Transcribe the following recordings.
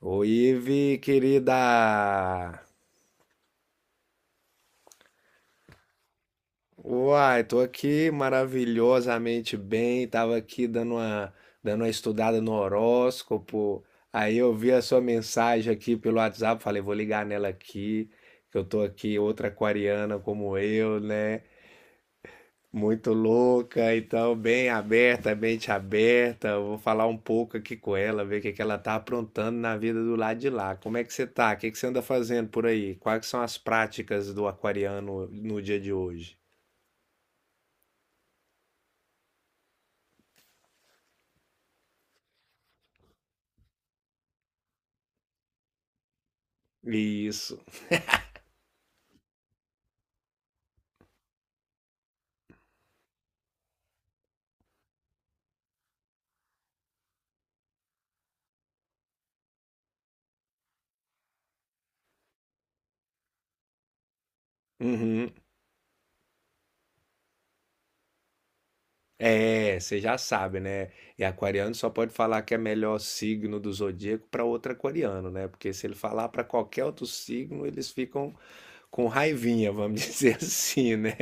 Oi, Ive, querida! Uai, tô aqui maravilhosamente bem, tava aqui dando uma estudada no horóscopo, aí eu vi a sua mensagem aqui pelo WhatsApp, falei, vou ligar nela aqui, que eu tô aqui, outra aquariana como eu, né? Muito louca, então bem aberta, mente aberta. Eu vou falar um pouco aqui com ela, ver o que que ela tá aprontando na vida do lado de lá. Como é que você tá? O que que você anda fazendo por aí? Quais que são as práticas do aquariano no dia de hoje? Isso. Uhum. É, você já sabe, né? E aquariano só pode falar que é melhor signo do zodíaco para outro aquariano, né? Porque se ele falar para qualquer outro signo, eles ficam com raivinha, vamos dizer assim, né?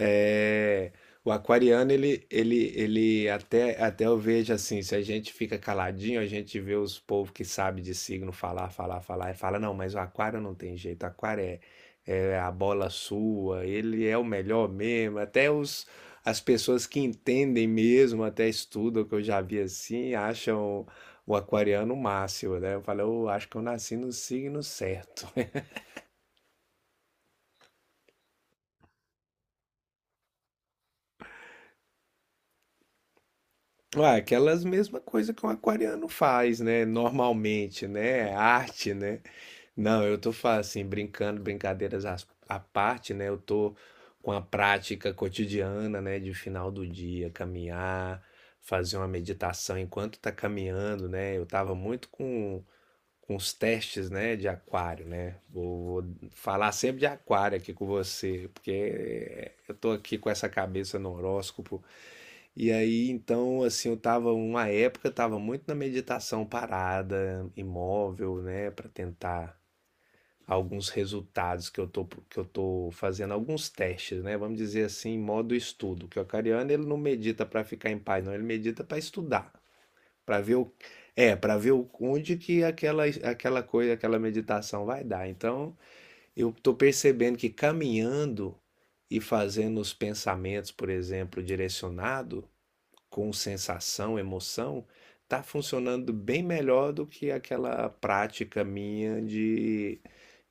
É, o aquariano, ele até, eu vejo assim, se a gente fica caladinho, a gente vê os povos que sabem de signo falar, e fala, não, mas o aquário não tem jeito, o aquário é, é a bola sua, ele é o melhor mesmo, as pessoas que entendem mesmo, até estudam, que eu já vi assim, acham o aquariano o máximo, né? Eu falo, eu acho que eu nasci no signo certo. Ah, aquelas mesma coisa que um aquariano faz, né? Normalmente, né? Arte, né? Não, eu assim, brincando, à parte, né? Eu tô com a prática cotidiana, né? De final do dia, caminhar, fazer uma meditação enquanto tá caminhando, né? Eu tava com os testes, né? De aquário, né? Vou falar sempre de aquário aqui com você, porque eu tô aqui com essa cabeça no horóscopo e aí, então, assim, eu tava muito na meditação parada, imóvel, né, para tentar alguns resultados que eu tô fazendo alguns testes, né? Vamos dizer assim, em modo estudo, que o acariano ele não medita para ficar em paz, não, ele medita para estudar, para ver o é, para ver onde que aquela coisa, aquela meditação vai dar. Então, eu tô percebendo que caminhando e fazendo os pensamentos, por exemplo, direcionado com sensação, emoção, tá funcionando bem melhor do que aquela prática minha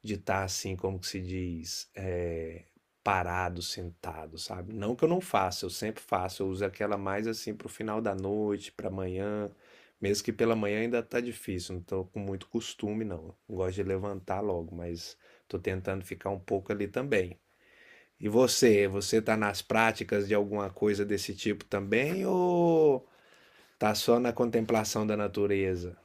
de estar assim, como que se diz, parado, sentado, sabe? Não que eu não faça, eu sempre faço, eu uso aquela mais assim para o final da noite, pra manhã, mesmo que pela manhã ainda tá difícil, não estou com muito costume não. Eu gosto de levantar logo, mas estou tentando ficar um pouco ali também. E você tá nas práticas de alguma coisa desse tipo também ou tá só na contemplação da natureza.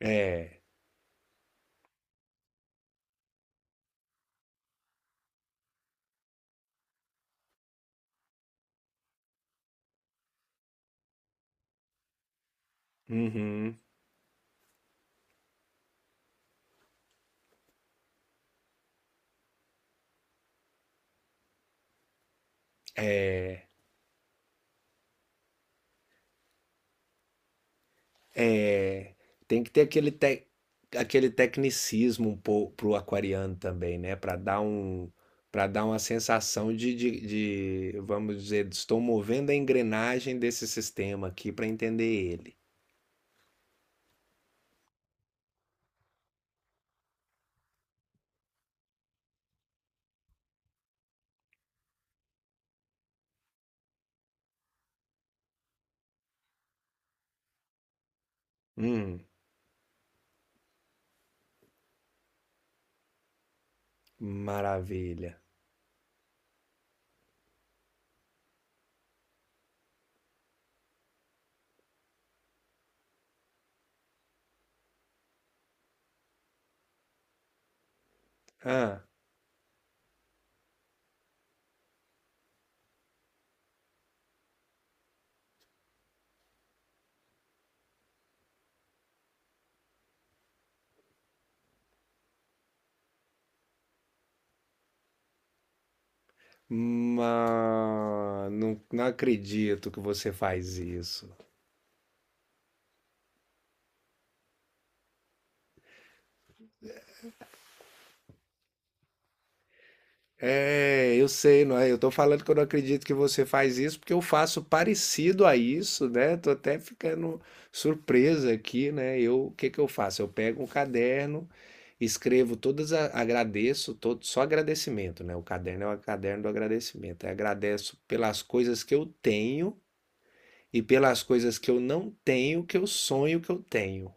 É. Uhum. É. É. Tem que ter aquele, aquele tecnicismo um pouco pro aquariano também, né? Para dar uma sensação vamos dizer, estou movendo a engrenagem desse sistema aqui para entender ele. Hum, maravilha. Ah, mas não acredito que você faz isso. É, eu sei, não é? Eu tô falando que eu não acredito que você faz isso, porque eu faço parecido a isso, né? Tô até ficando surpresa aqui, né? Eu, o que que eu faço? Eu pego um caderno, escrevo todas, agradeço, todo, só agradecimento, né? O caderno é o caderno do agradecimento. Eu agradeço pelas coisas que eu tenho e pelas coisas que eu não tenho, que eu sonho que eu tenho.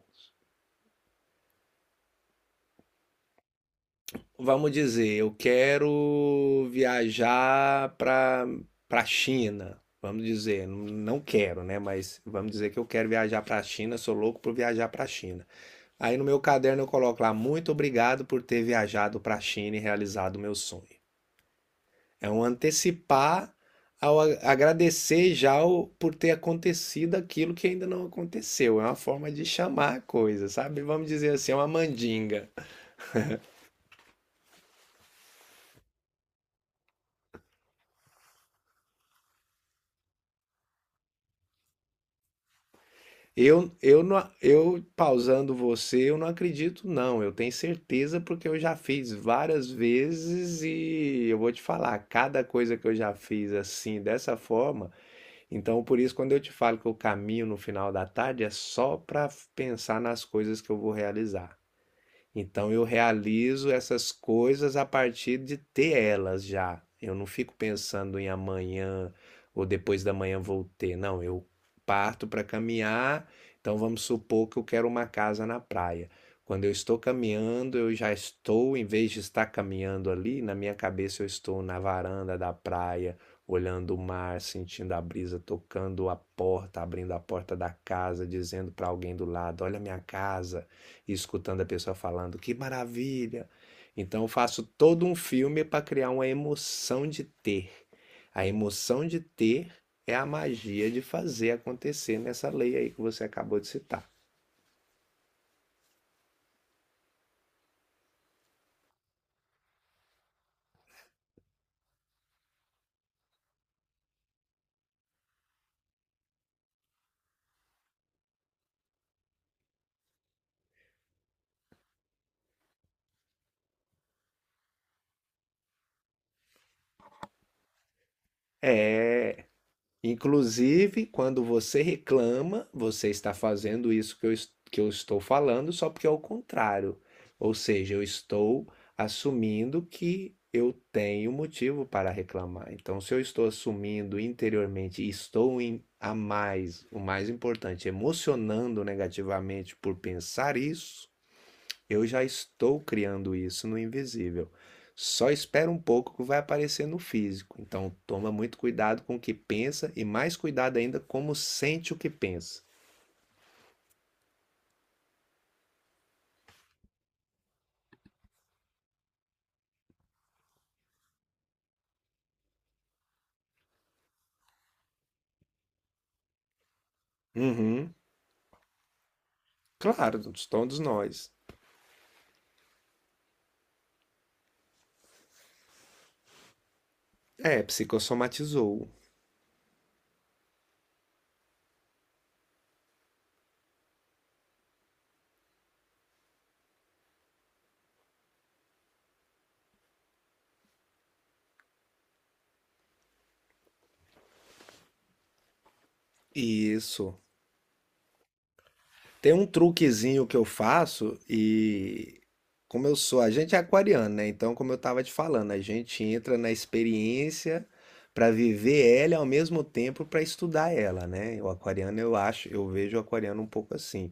Vamos dizer, eu quero viajar para China, vamos dizer, não quero, né? Mas vamos dizer que eu quero viajar para a China, sou louco por viajar para a China. Aí no meu caderno eu coloco lá, muito obrigado por ter viajado para a China e realizado o meu sonho. É um antecipar ao agradecer já por ter acontecido aquilo que ainda não aconteceu. É uma forma de chamar a coisa, sabe? Vamos dizer assim, é uma mandinga. Eu pausando você, eu não acredito, não. Eu tenho certeza porque eu já fiz várias vezes e eu vou te falar, cada coisa que eu já fiz assim, dessa forma. Então, por isso, quando eu te falo que eu caminho no final da tarde, é só para pensar nas coisas que eu vou realizar. Então eu realizo essas coisas a partir de ter elas já. Eu não fico pensando em amanhã ou depois da manhã vou ter. Não, eu parto para caminhar. Então vamos supor que eu quero uma casa na praia. Quando eu estou caminhando, eu já estou, em vez de estar caminhando ali, na minha cabeça eu estou na varanda da praia, olhando o mar, sentindo a brisa, tocando a porta, abrindo a porta da casa, dizendo para alguém do lado: Olha a minha casa e escutando a pessoa falando que maravilha. Então eu faço todo um filme para criar uma emoção de ter. A emoção de ter é a magia de fazer acontecer nessa lei aí que você acabou de citar. É. Inclusive, quando você reclama, você está fazendo isso que eu estou falando, só porque é o contrário. Ou seja, eu estou assumindo que eu tenho motivo para reclamar. Então, se eu estou assumindo interiormente estou em, o mais importante, emocionando negativamente por pensar isso, eu já estou criando isso no invisível. Só espera um pouco que vai aparecer no físico. Então, toma muito cuidado com o que pensa e mais cuidado ainda como sente o que pensa. Uhum, claro, todos nós. É, psicossomatizou. Isso. Tem um truquezinho que eu faço e como eu sou, a gente é aquariano, né? Então, como eu tava te falando, a gente entra na experiência para viver ela e ao mesmo tempo para estudar ela, né? O aquariano, eu acho, eu vejo o aquariano um pouco assim.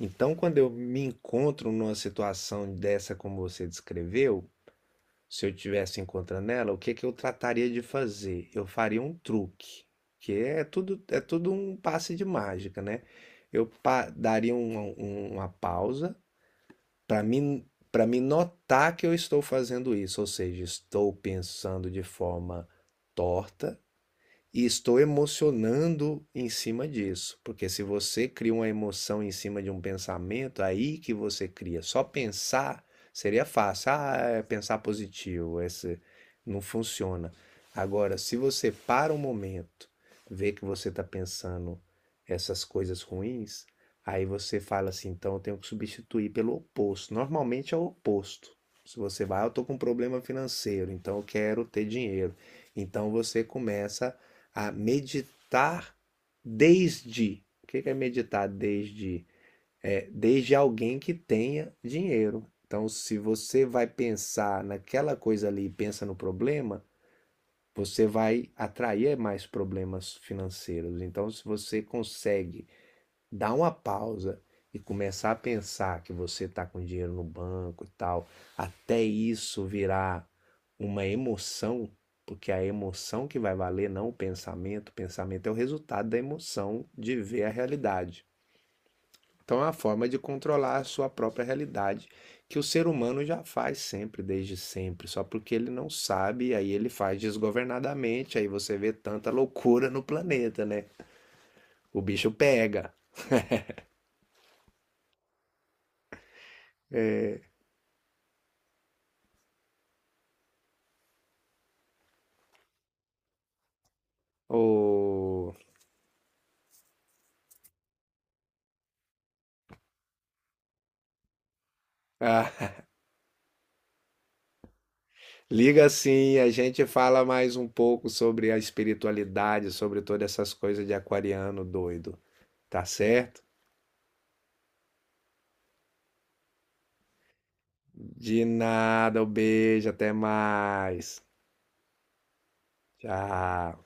Então, quando eu me encontro numa situação dessa como você descreveu, se eu tivesse encontrando ela, o que que eu trataria de fazer? Eu faria um truque, que é tudo um passe de mágica, né? Daria uma pausa para mim para me notar que eu estou fazendo isso, ou seja, estou pensando de forma torta e estou emocionando em cima disso, porque se você cria uma emoção em cima de um pensamento, é aí que você cria. Só pensar seria fácil. Ah, é pensar positivo, esse não funciona. Agora, se você para um momento, vê que você está pensando essas coisas ruins, aí você fala assim, então eu tenho que substituir pelo oposto. Normalmente é o oposto. Se você vai, ah, eu estou com um problema financeiro, então eu quero ter dinheiro. Então você começa a meditar desde. O que é meditar desde? É, desde alguém que tenha dinheiro. Então, se você vai pensar naquela coisa ali e pensa no problema, você vai atrair mais problemas financeiros. Então, se você consegue dar uma pausa e começar a pensar que você está com dinheiro no banco e tal, até isso virar uma emoção, porque a emoção que vai valer, não o pensamento, o pensamento é o resultado da emoção de ver a realidade. Então é uma forma de controlar a sua própria realidade, que o ser humano já faz sempre, desde sempre, só porque ele não sabe, aí ele faz desgovernadamente, aí você vê tanta loucura no planeta, né? O bicho pega. O... Ah, liga sim, a gente fala mais um pouco sobre a espiritualidade, sobre todas essas coisas de aquariano doido, tá certo? De nada, um beijo, até mais. Tchau.